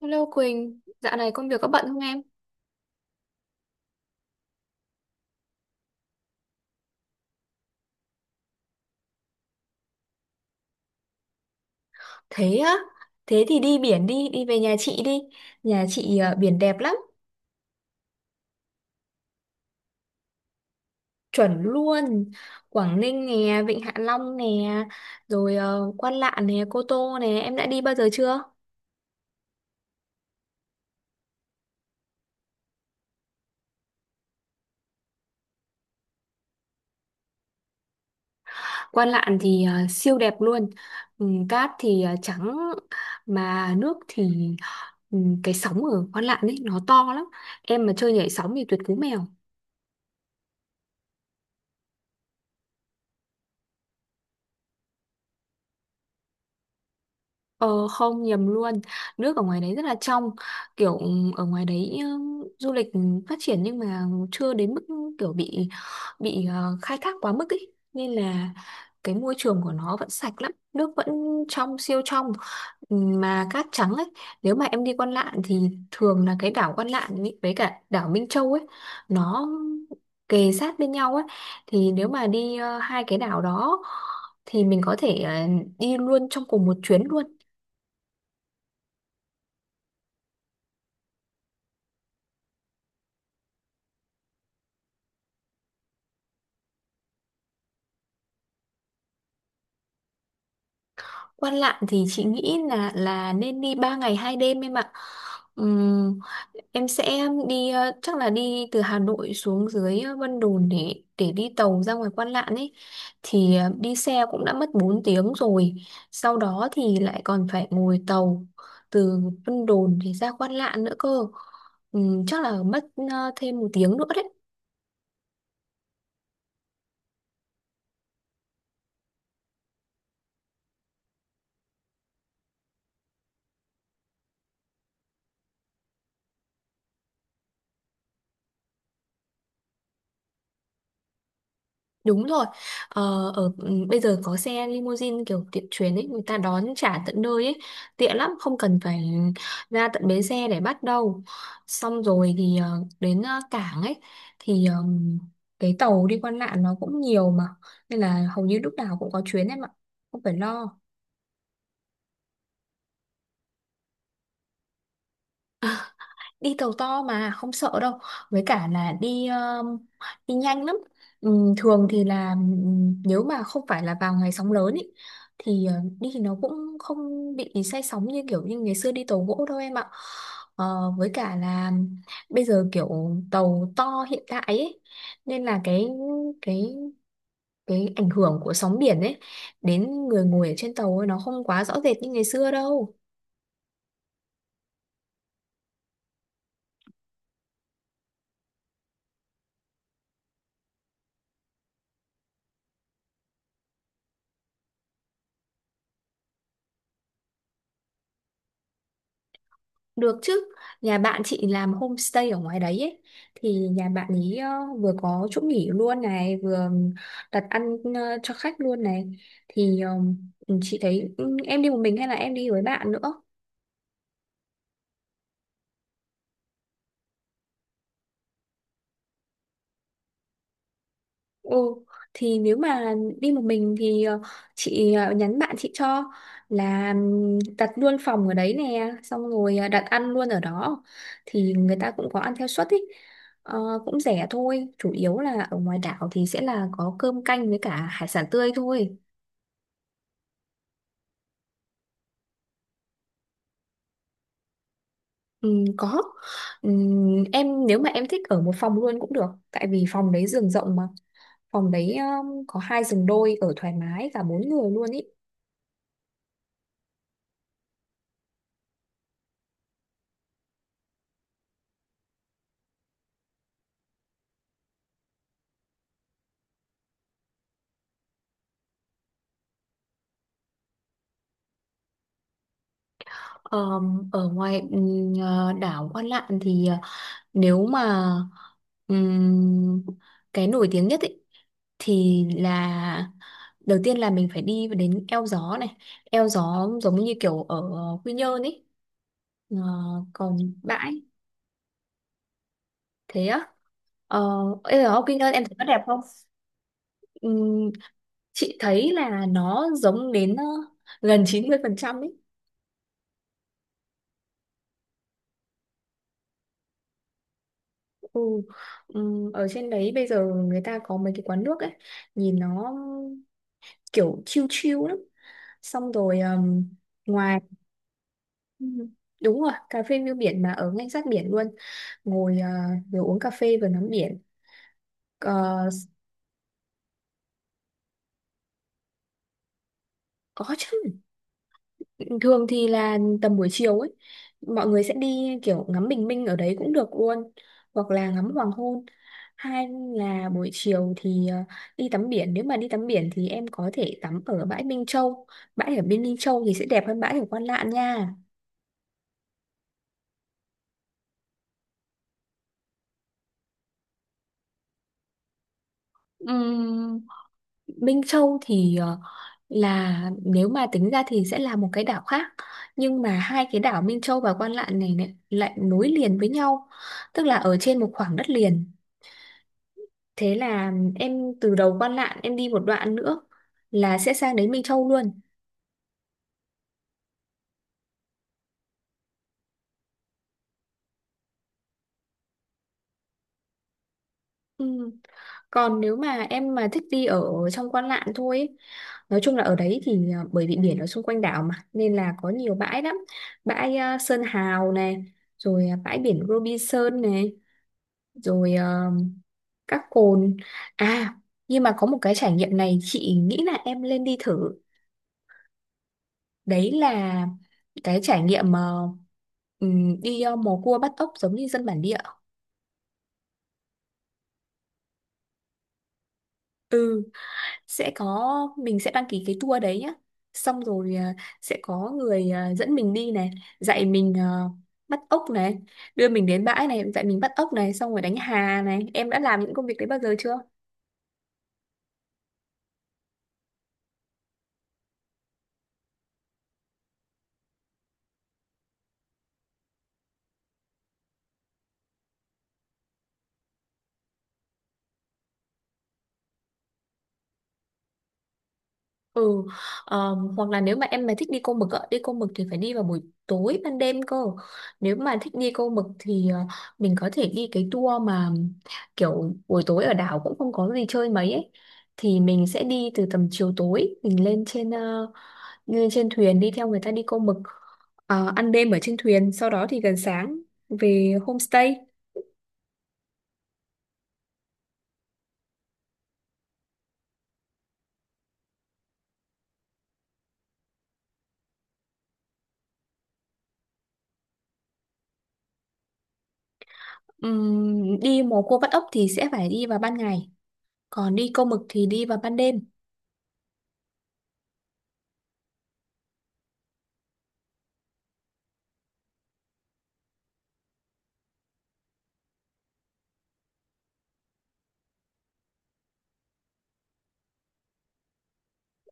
Hello Quỳnh, dạo này công việc có bận không em? Thế á, thế thì đi biển đi, đi về nhà chị đi. Nhà chị à, biển đẹp lắm, chuẩn luôn. Quảng Ninh nè, Vịnh Hạ Long nè, rồi Quan Lạn nè, Cô Tô nè, em đã đi bao giờ chưa? Quan Lạn thì siêu đẹp luôn. Ừ, cát thì trắng, mà nước thì ừ, cái sóng ở Quan Lạn ấy nó to lắm. Em mà chơi nhảy sóng thì tuyệt cú mèo. Ờ, không nhầm luôn. Nước ở ngoài đấy rất là trong. Kiểu ở ngoài đấy du lịch phát triển. Nhưng mà chưa đến mức kiểu bị khai thác quá mức ý. Nên là cái môi trường của nó vẫn sạch lắm. Nước vẫn trong, siêu trong. Mà cát trắng ấy. Nếu mà em đi Quan Lạn thì thường là cái đảo Quan Lạn ý, với cả đảo Minh Châu ấy. Nó kề sát bên nhau ấy. Thì nếu mà đi hai cái đảo đó thì mình có thể đi luôn trong cùng một chuyến luôn. Quan Lạn thì chị nghĩ là nên đi 3 ngày 2 đêm em ạ. Ừm, em sẽ đi, chắc là đi từ Hà Nội xuống dưới Vân Đồn để đi tàu ra ngoài Quan Lạn ấy, thì đi xe cũng đã mất 4 tiếng rồi. Sau đó thì lại còn phải ngồi tàu từ Vân Đồn thì ra Quan Lạn nữa cơ. Chắc là mất thêm 1 tiếng nữa đấy. Đúng rồi. Ờ, ở bây giờ có xe limousine kiểu tiện chuyến ấy, người ta đón trả tận nơi ấy, tiện lắm, không cần phải ra tận bến xe để bắt đâu. Xong rồi thì đến cảng ấy thì cái tàu đi qua lạn nó cũng nhiều mà, nên là hầu như lúc nào cũng có chuyến em ạ, không phải lo. Đi tàu to mà không sợ đâu, với cả là đi đi nhanh lắm. Thường thì là, nếu mà không phải là vào ngày sóng lớn ý, thì đi thì nó cũng không bị say sóng như kiểu như ngày xưa đi tàu gỗ đâu em ạ. Ờ, với cả là bây giờ kiểu tàu to hiện tại ấy, nên là cái cái ảnh hưởng của sóng biển ấy đến người ngồi ở trên tàu ấy, nó không quá rõ rệt như ngày xưa đâu. Được chứ, nhà bạn chị làm homestay ở ngoài đấy ấy. Thì nhà bạn ấy vừa có chỗ nghỉ luôn này, vừa đặt ăn cho khách luôn này. Thì chị thấy, em đi một mình hay là em đi với bạn nữa? Ừ, thì nếu mà đi một mình thì, chị nhắn bạn chị cho là, đặt luôn phòng ở đấy nè, xong rồi đặt ăn luôn ở đó thì người ta cũng có ăn theo suất ý. Ờ, cũng rẻ thôi, chủ yếu là ở ngoài đảo thì sẽ là có cơm canh với cả hải sản tươi thôi. Có. Em nếu mà em thích ở một phòng luôn cũng được, tại vì phòng đấy giường rộng mà. Phòng đấy có hai giường đôi, ở thoải mái cả bốn người luôn ý. Ờ, ở ngoài, đảo Quan Lạn thì nếu mà, ừm, cái nổi tiếng nhất ý, thì là đầu tiên là mình phải đi đến Eo Gió này. Eo Gió giống như kiểu ở Quy Nhơn ấy. Ờ, còn bãi, thế á, ờ, Eo Gió Quy Nhơn em thấy nó đẹp. Ừm, chị thấy là nó giống đến gần 90% ấy. Ừ. Ở trên đấy bây giờ người ta có mấy cái quán nước ấy, nhìn nó kiểu chill chill lắm, xong rồi ngoài, ừ, đúng rồi, cà phê view biển mà ở ngay sát biển luôn, ngồi vừa uống cà phê vừa ngắm biển. Ờ, có chứ, thường thì là tầm buổi chiều ấy mọi người sẽ đi kiểu ngắm bình minh ở đấy cũng được luôn, hoặc là ngắm hoàng hôn. Hay là buổi chiều thì đi tắm biển, nếu mà đi tắm biển thì em có thể tắm ở bãi Minh Châu. Bãi ở bên Minh Châu thì sẽ đẹp hơn bãi ở Quan Lạn nha. Ừm, Minh Châu thì là nếu mà tính ra thì sẽ là một cái đảo khác, nhưng mà hai cái đảo Minh Châu và Quan Lạn này lại nối liền với nhau, tức là ở trên một khoảng đất liền, thế là em từ đầu Quan Lạn em đi một đoạn nữa là sẽ sang đến Minh Châu luôn. Ừ. Còn nếu mà em mà thích đi ở trong Quan Lạn thôi ấy, nói chung là ở đấy thì bởi vì biển ở xung quanh đảo mà nên là có nhiều bãi lắm. Bãi Sơn Hào này, rồi bãi biển Robinson này, rồi các cồn, à, nhưng mà có một cái trải nghiệm này chị nghĩ là em lên đi thử, đấy là cái trải nghiệm, đi mò cua bắt ốc giống như dân bản địa. Ừ, sẽ có, mình sẽ đăng ký cái tour đấy nhá, xong rồi sẽ có người dẫn mình đi này, dạy mình bắt ốc này, đưa mình đến bãi này, dạy mình bắt ốc này, xong rồi đánh hà này, em đã làm những công việc đấy bao giờ chưa? Ừ, hoặc là nếu mà em mà thích đi câu mực ạ, đi câu mực thì phải đi vào buổi tối ban đêm cơ. Nếu mà thích đi câu mực thì mình có thể đi cái tour mà kiểu buổi tối ở đảo cũng không có gì chơi mấy ấy. Thì mình sẽ đi từ tầm chiều tối, mình lên trên thuyền đi theo người ta đi câu mực. Ờ, ăn đêm ở trên thuyền, sau đó thì gần sáng về homestay. Đi mò cua bắt ốc thì sẽ phải đi vào ban ngày, còn đi câu mực thì đi vào ban đêm.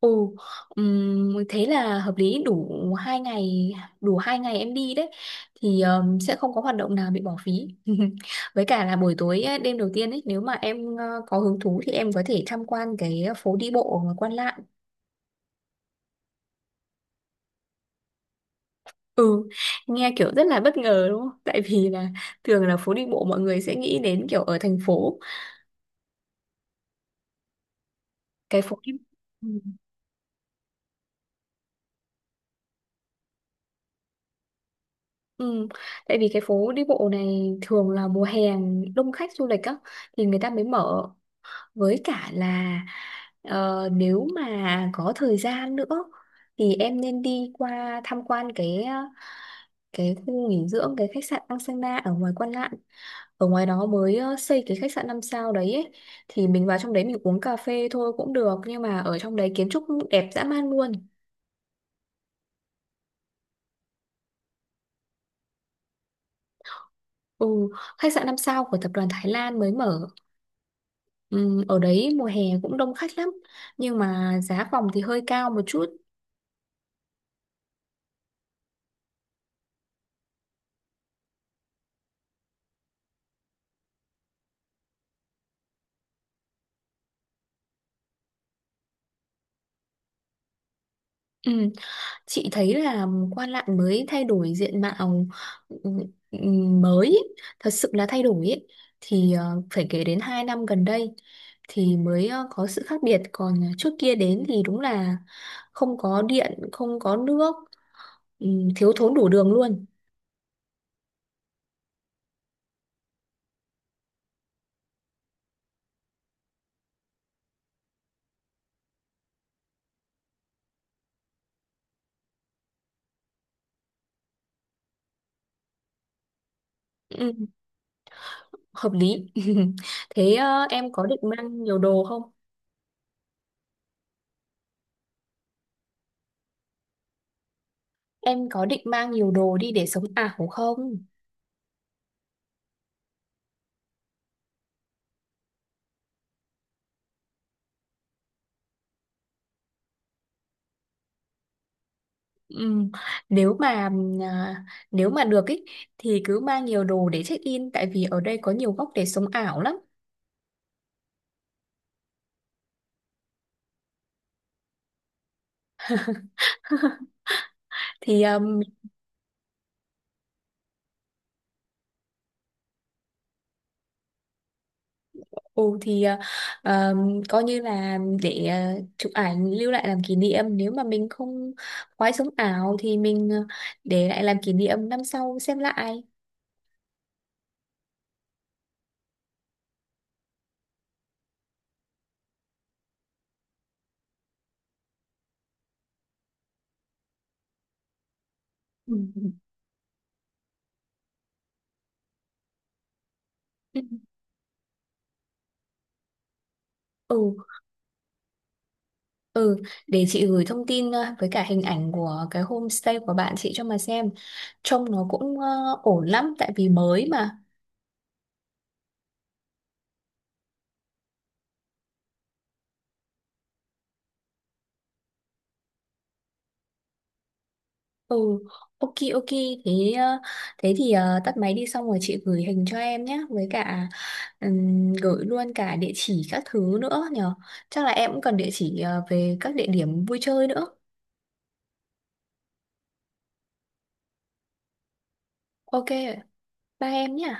Ồ, thế là hợp lý, đủ hai ngày, đủ hai ngày em đi đấy thì, sẽ không có hoạt động nào bị bỏ phí. Với cả là buổi tối ấy, đêm đầu tiên ấy, nếu mà em có hứng thú thì em có thể tham quan cái phố đi bộ ở Quan Lạn. Ừ, nghe kiểu rất là bất ngờ đúng không, tại vì là thường là phố đi bộ mọi người sẽ nghĩ đến kiểu ở thành phố, cái phố đi. Ừ. Ừ. Tại vì cái phố đi bộ này thường là mùa hè đông khách du lịch á thì người ta mới mở, với cả là nếu mà có thời gian nữa thì em nên đi qua tham quan cái khu nghỉ dưỡng, cái khách sạn Angsana ở ngoài Quan Lạn. Ở ngoài đó mới xây cái khách sạn 5 sao đấy ấy. Thì mình vào trong đấy mình uống cà phê thôi cũng được, nhưng mà ở trong đấy kiến trúc đẹp dã man luôn. Ừ, khách sạn 5 sao của tập đoàn Thái Lan mới mở. Ừ, ở đấy mùa hè cũng đông khách lắm, nhưng mà giá phòng thì hơi cao một chút. Ừ. Chị thấy là Quan Lạn mới thay đổi diện mạo, ừ, ừ, mới ý, thật sự là thay đổi ý, thì phải kể đến 2 năm gần đây thì mới có sự khác biệt. Còn trước kia đến thì đúng là không có điện không có nước, ừ, thiếu thốn đủ đường luôn. Ừ, hợp lý. Thế em có định mang nhiều đồ không, em có định mang nhiều đồ đi để sống ảo không? Ừ. Nếu mà à, nếu mà được ý, thì cứ mang nhiều đồ để check in, tại vì ở đây có nhiều góc để sống ảo lắm. thì ừ, coi như là để chụp ảnh lưu lại làm kỷ niệm, nếu mà mình không khoái sống ảo thì mình, để lại làm kỷ niệm năm sau xem lại. Ừ. Ừ. Ừ. Ừ. Để chị gửi thông tin, với cả hình ảnh của cái homestay của bạn chị cho mà xem, trông nó cũng ổn lắm tại vì mới mà. Ừ, ok, ok, thế ờ, thế thì tắt máy đi xong rồi chị gửi hình cho em nhé, với cả, gửi luôn cả địa chỉ các thứ nữa nhở. Chắc là em cũng cần địa chỉ, về các địa điểm vui chơi nữa. Ok, bye em nhé.